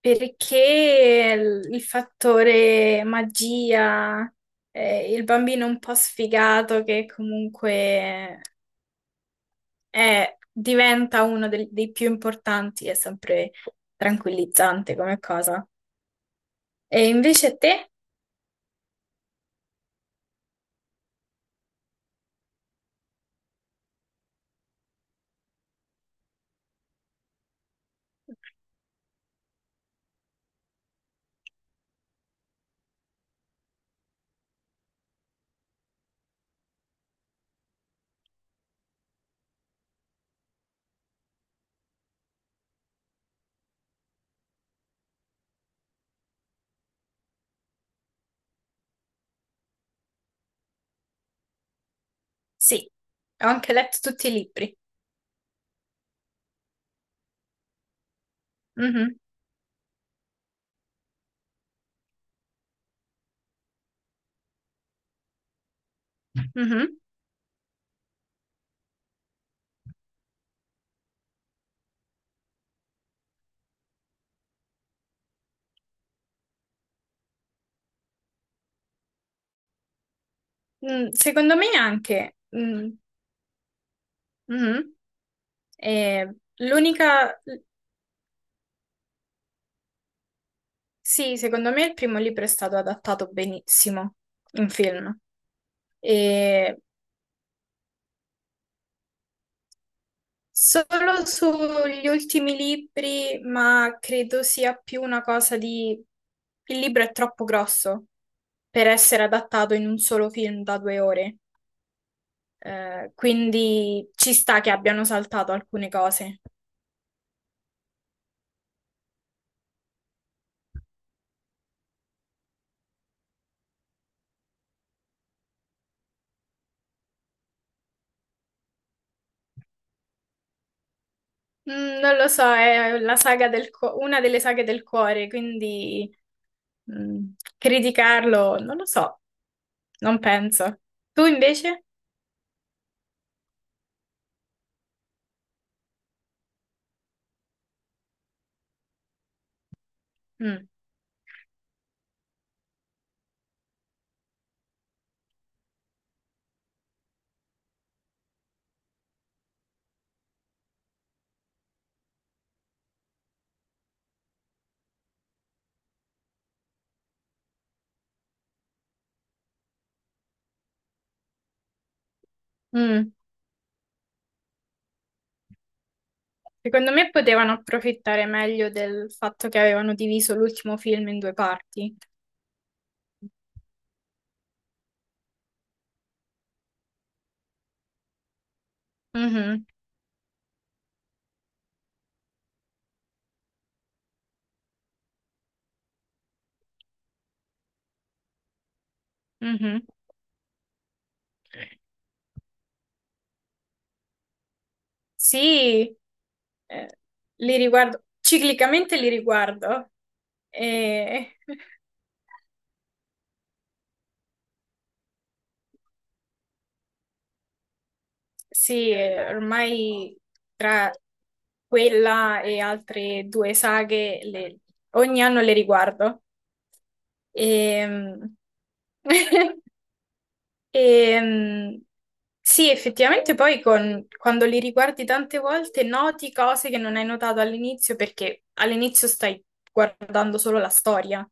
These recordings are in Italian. Perché il fattore magia, il bambino un po' sfigato che comunque diventa uno dei più importanti è sempre tranquillizzante come cosa. E invece te? Sì, ho anche letto tutti i libri. Mhm, mhm. Secondo me anche. Mm, mhm. E l'unica. Sì, secondo me il primo libro è stato adattato benissimo in film. E solo sugli ultimi libri, ma credo sia più una cosa di. Il libro è troppo grosso per essere adattato in un solo film da due ore, quindi ci sta che abbiano saltato alcune cose. Non lo so, è la saga una delle saghe del cuore, quindi criticarlo, non lo so, non penso. Tu invece? Mm, mm. Secondo me potevano approfittare meglio del fatto che avevano diviso l'ultimo film in due parti. Mhm, mhm. Sì, eh, li riguardo, ciclicamente li riguardo. E... Sì, ormai tra quella e altre due saghe ogni anno le riguardo. E... E, sì, effettivamente poi quando li riguardi tante volte noti cose che non hai notato all'inizio perché all'inizio stai guardando solo la storia.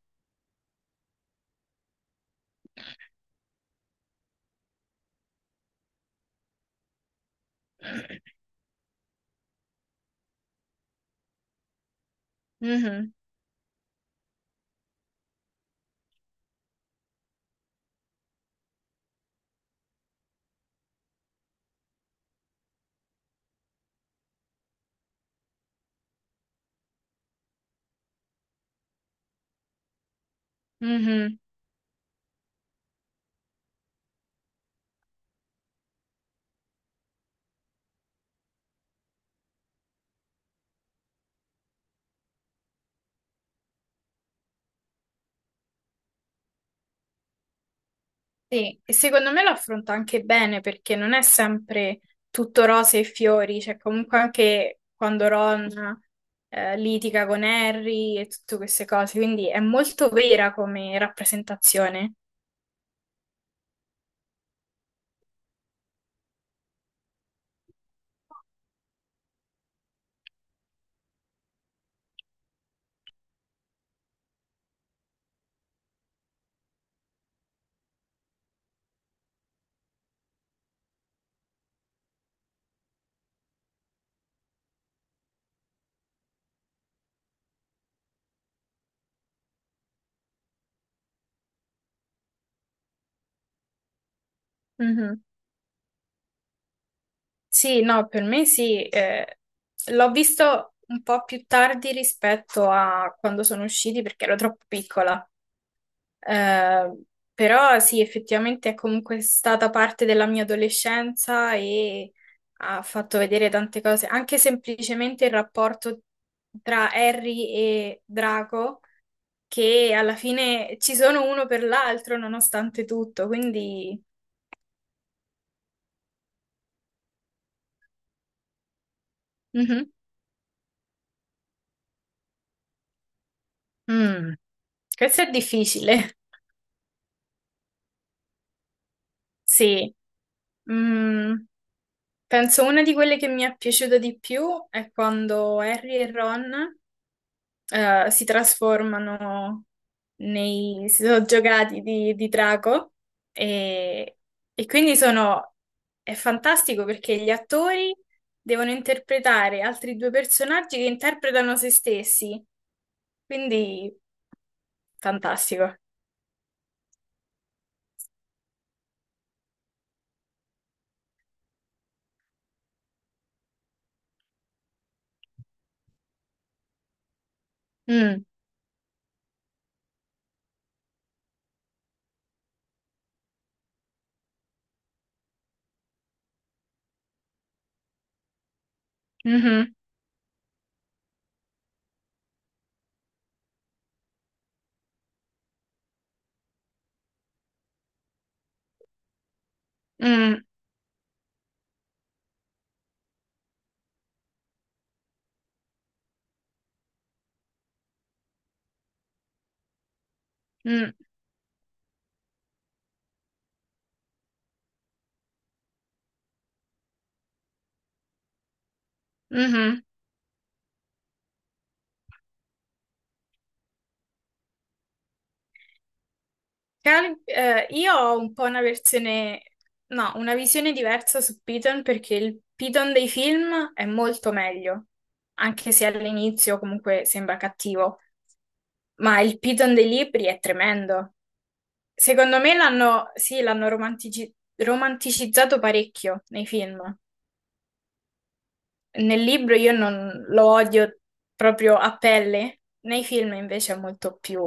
Mhm, mhm. Sì, e secondo me lo affronta anche bene perché non è sempre tutto rose e fiori, cioè comunque anche quando Ron litiga con Harry e tutte queste cose, quindi è molto vera come rappresentazione. Sì, no, per me sì, l'ho visto un po' più tardi rispetto a quando sono usciti perché ero troppo piccola. Eh, Però sì, effettivamente è comunque stata parte della mia adolescenza e ha fatto vedere tante cose, anche semplicemente il rapporto tra Harry e Draco, che alla fine ci sono uno per l'altro nonostante tutto, quindi. Mhm. Mm. Questo è difficile, sì. Mm, penso una di quelle che mi è piaciuta di più è quando Harry e Ron si trasformano nei si sono giocati di drago e, e quindi sono è fantastico perché gli attori devono interpretare altri due personaggi che interpretano se stessi, quindi fantastico. Mm, mhm, mm, mm, mhm. Io ho un po' una versione, no, una visione diversa su Piton, perché il Piton dei film è molto meglio, anche se all'inizio comunque sembra cattivo, ma il Piton dei libri è tremendo. Secondo me l'hanno, sì, l'hanno romanticizzato parecchio nei film. Nel libro io non lo odio proprio a pelle, nei film invece è molto più.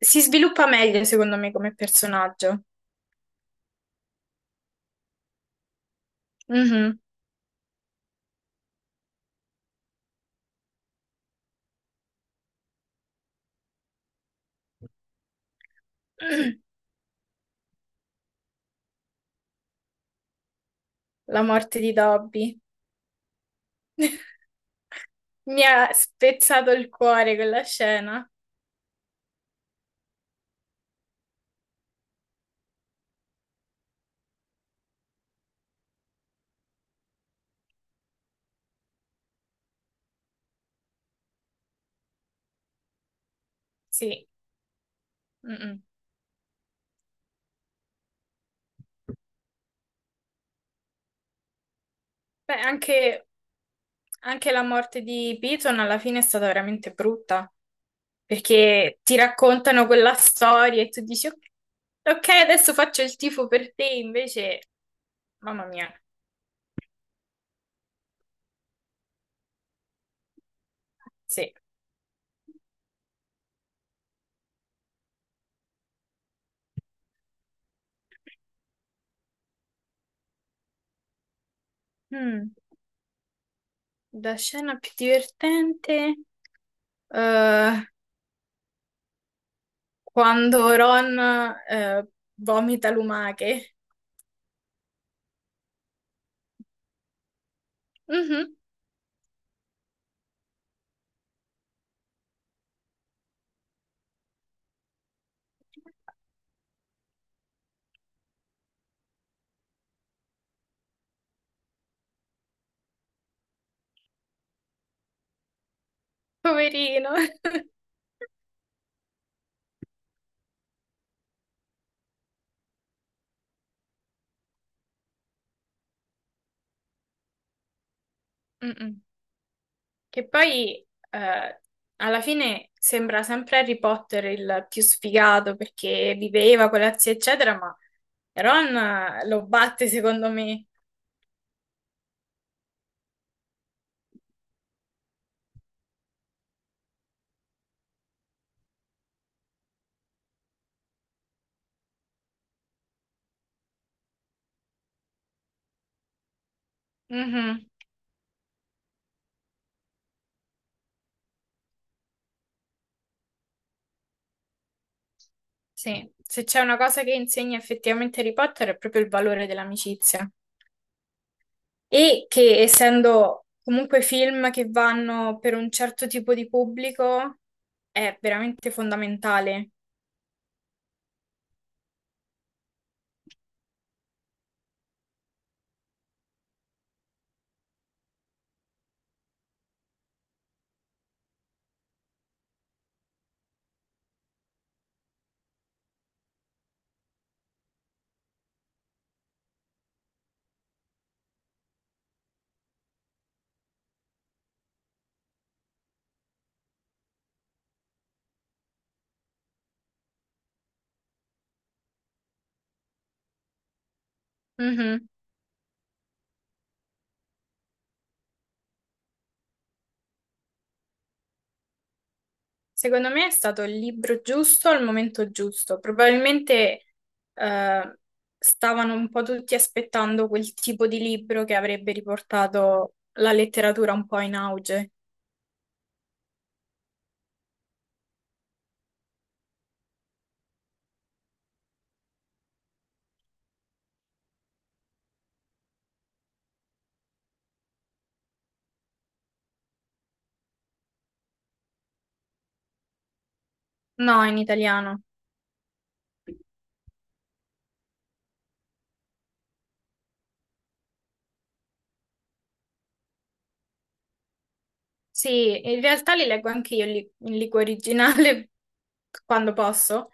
Si sviluppa meglio secondo me come personaggio. Mhm. La morte di Dobby. Mi ha spezzato il cuore quella scena. Sì. Mm-mm. Beh, anche la morte di Piton alla fine è stata veramente brutta, perché ti raccontano quella storia e tu dici, "Ok, ok, adesso faccio il tifo per te", invece, mamma mia, sì. Mm. La scena più divertente, eh, quando Ron, eh, vomita lumache. Mhm. Poverino. Mm-mm. Che poi eh, alla fine sembra sempre Harry Potter il più sfigato perché viveva con la zia, eccetera, ma Ron lo batte secondo me. Mhm. Sì, se c'è una cosa che insegna effettivamente Harry Potter è proprio il valore dell'amicizia. E che, essendo comunque film che vanno per un certo tipo di pubblico, è veramente fondamentale. Mhm. Secondo me è stato il libro giusto al momento giusto. Probabilmente eh, stavano un po' tutti aspettando quel tipo di libro che avrebbe riportato la letteratura un po' in auge. No, in italiano. Sì, in realtà li leggo anche io in lingua originale quando posso,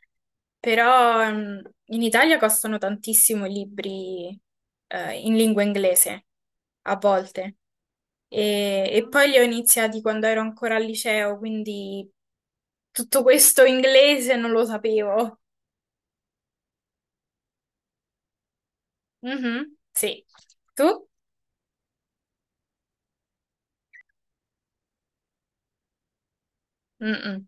però in Italia costano tantissimo i libri in lingua inglese, a volte. E poi li ho iniziati quando ero ancora al liceo, quindi tutto questo inglese non lo sapevo. Mhm, sì. Tu? Mm-mm.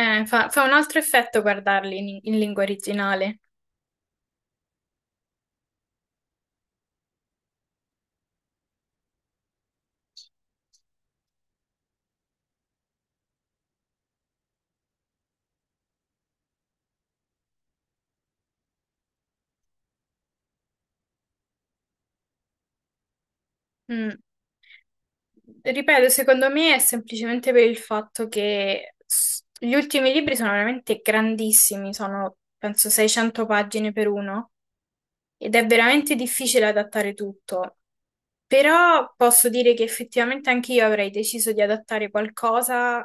Fa un altro effetto guardarli in lingua originale. Mm. Ripeto, secondo me è semplicemente per il fatto che gli ultimi libri sono veramente grandissimi, sono penso 600 pagine per uno, ed è veramente difficile adattare tutto. Però posso dire che effettivamente anche io avrei deciso di adattare qualcosa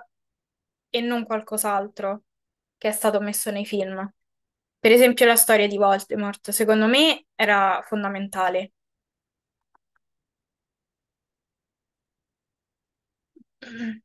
e non qualcos'altro che è stato messo nei film. Per esempio la storia di Voldemort, secondo me era fondamentale. Mm,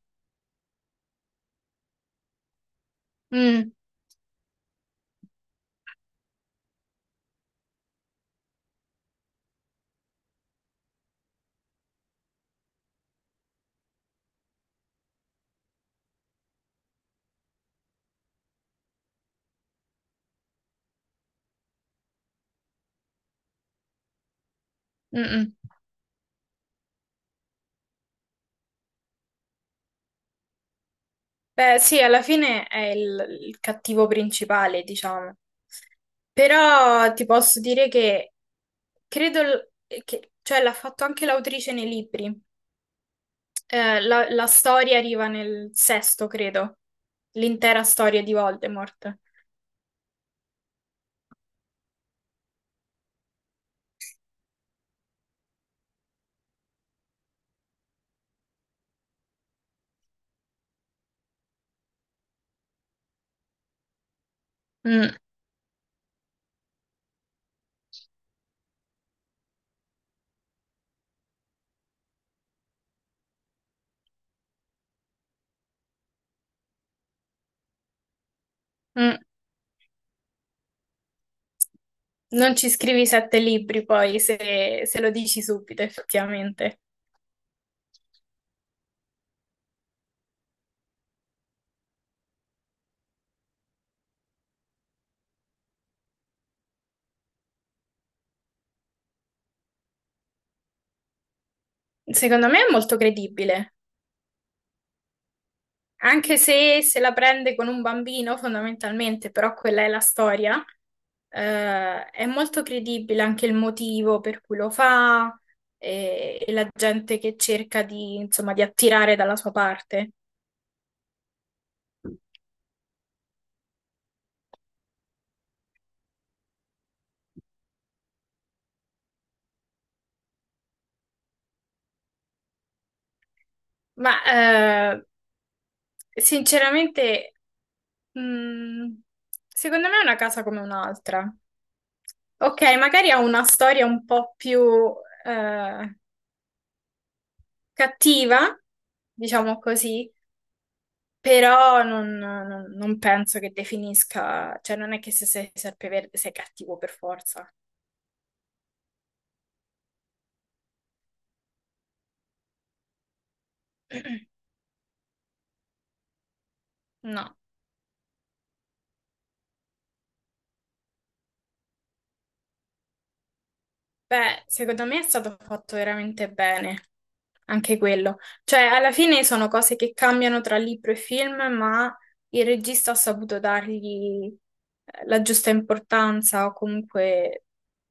mm, mm. Beh, sì, alla fine è il cattivo principale, diciamo. Però ti posso dire che credo che, cioè l'ha fatto anche l'autrice nei libri. La storia arriva nel sesto, credo. L'intera storia di Voldemort. Mm, mm. Non ci scrivi sette libri poi se, lo dici subito, effettivamente. Secondo me è molto credibile, anche se se la prende con un bambino, fondamentalmente, però quella è la storia. È molto credibile anche il motivo per cui lo fa e la gente che cerca di, insomma, di attirare dalla sua parte. Ma eh, Sinceramente, mm, secondo me è una casa come un'altra. Ok, magari ha una storia un po' più eh, cattiva, diciamo così, però non penso che definisca, cioè non è che se sei serpeverde sei cattivo per forza. No. Beh, secondo me è stato fatto veramente bene. Anche quello. Cioè, alla fine sono cose che cambiano tra libro e film, ma il regista ha saputo dargli la giusta importanza o comunque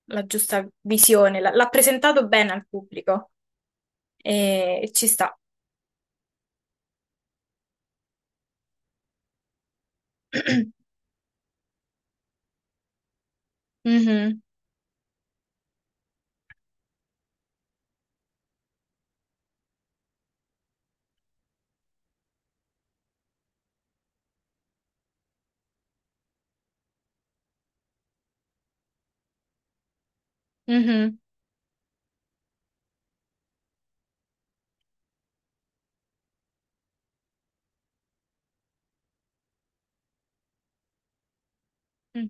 la giusta visione. L'ha presentato bene al pubblico e ci sta. Mhm, mhm, mm,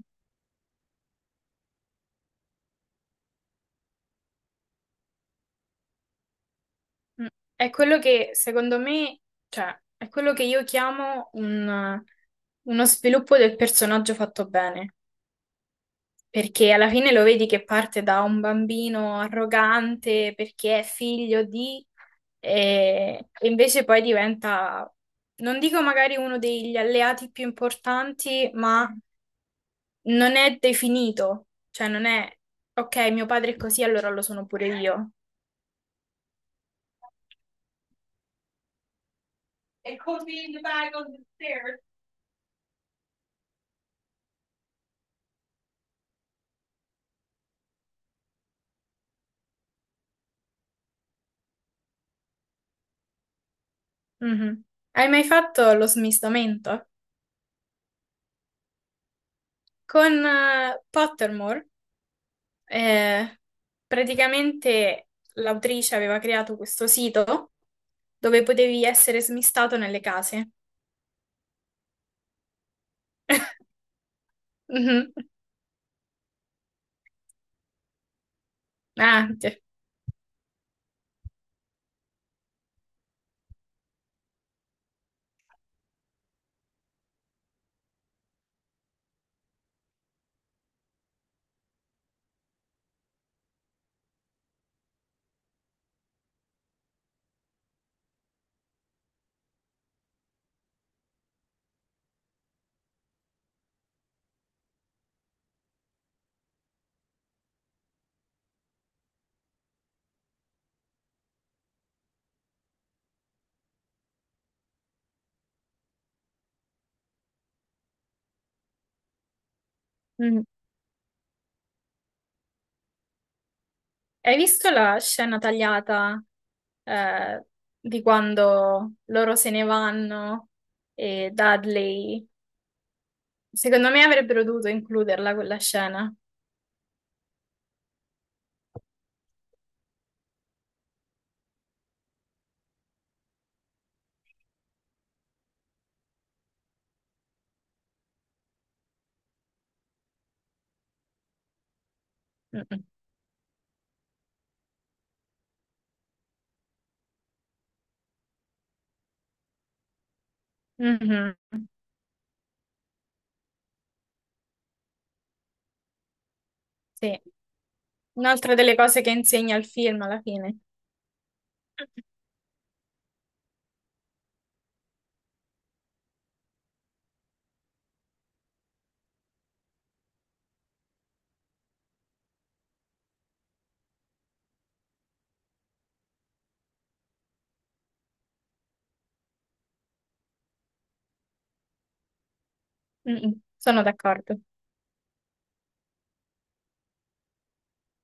mm. È quello che secondo me, cioè, è quello che io chiamo uno sviluppo del personaggio fatto bene. Perché alla fine lo vedi che parte da un bambino arrogante perché è figlio di, e invece poi diventa, non dico magari uno degli alleati più importanti, ma non è definito, cioè non è, ok, mio padre è così, allora lo sono pure io. It could be in the bag on the stairs. Mhm. Hai mai fatto lo smistamento? Con Pottermore? Eh, praticamente l'autrice aveva creato questo sito dove potevi essere smistato nelle case. Mhm. Ah, sì. Mhm. Hai visto la scena tagliata, eh, di quando loro se ne vanno e Dudley? Secondo me avrebbero dovuto includerla quella scena. Mhm, mhm. Sì, un'altra delle cose che insegna il film alla fine. Mm-mm. Sono d'accordo.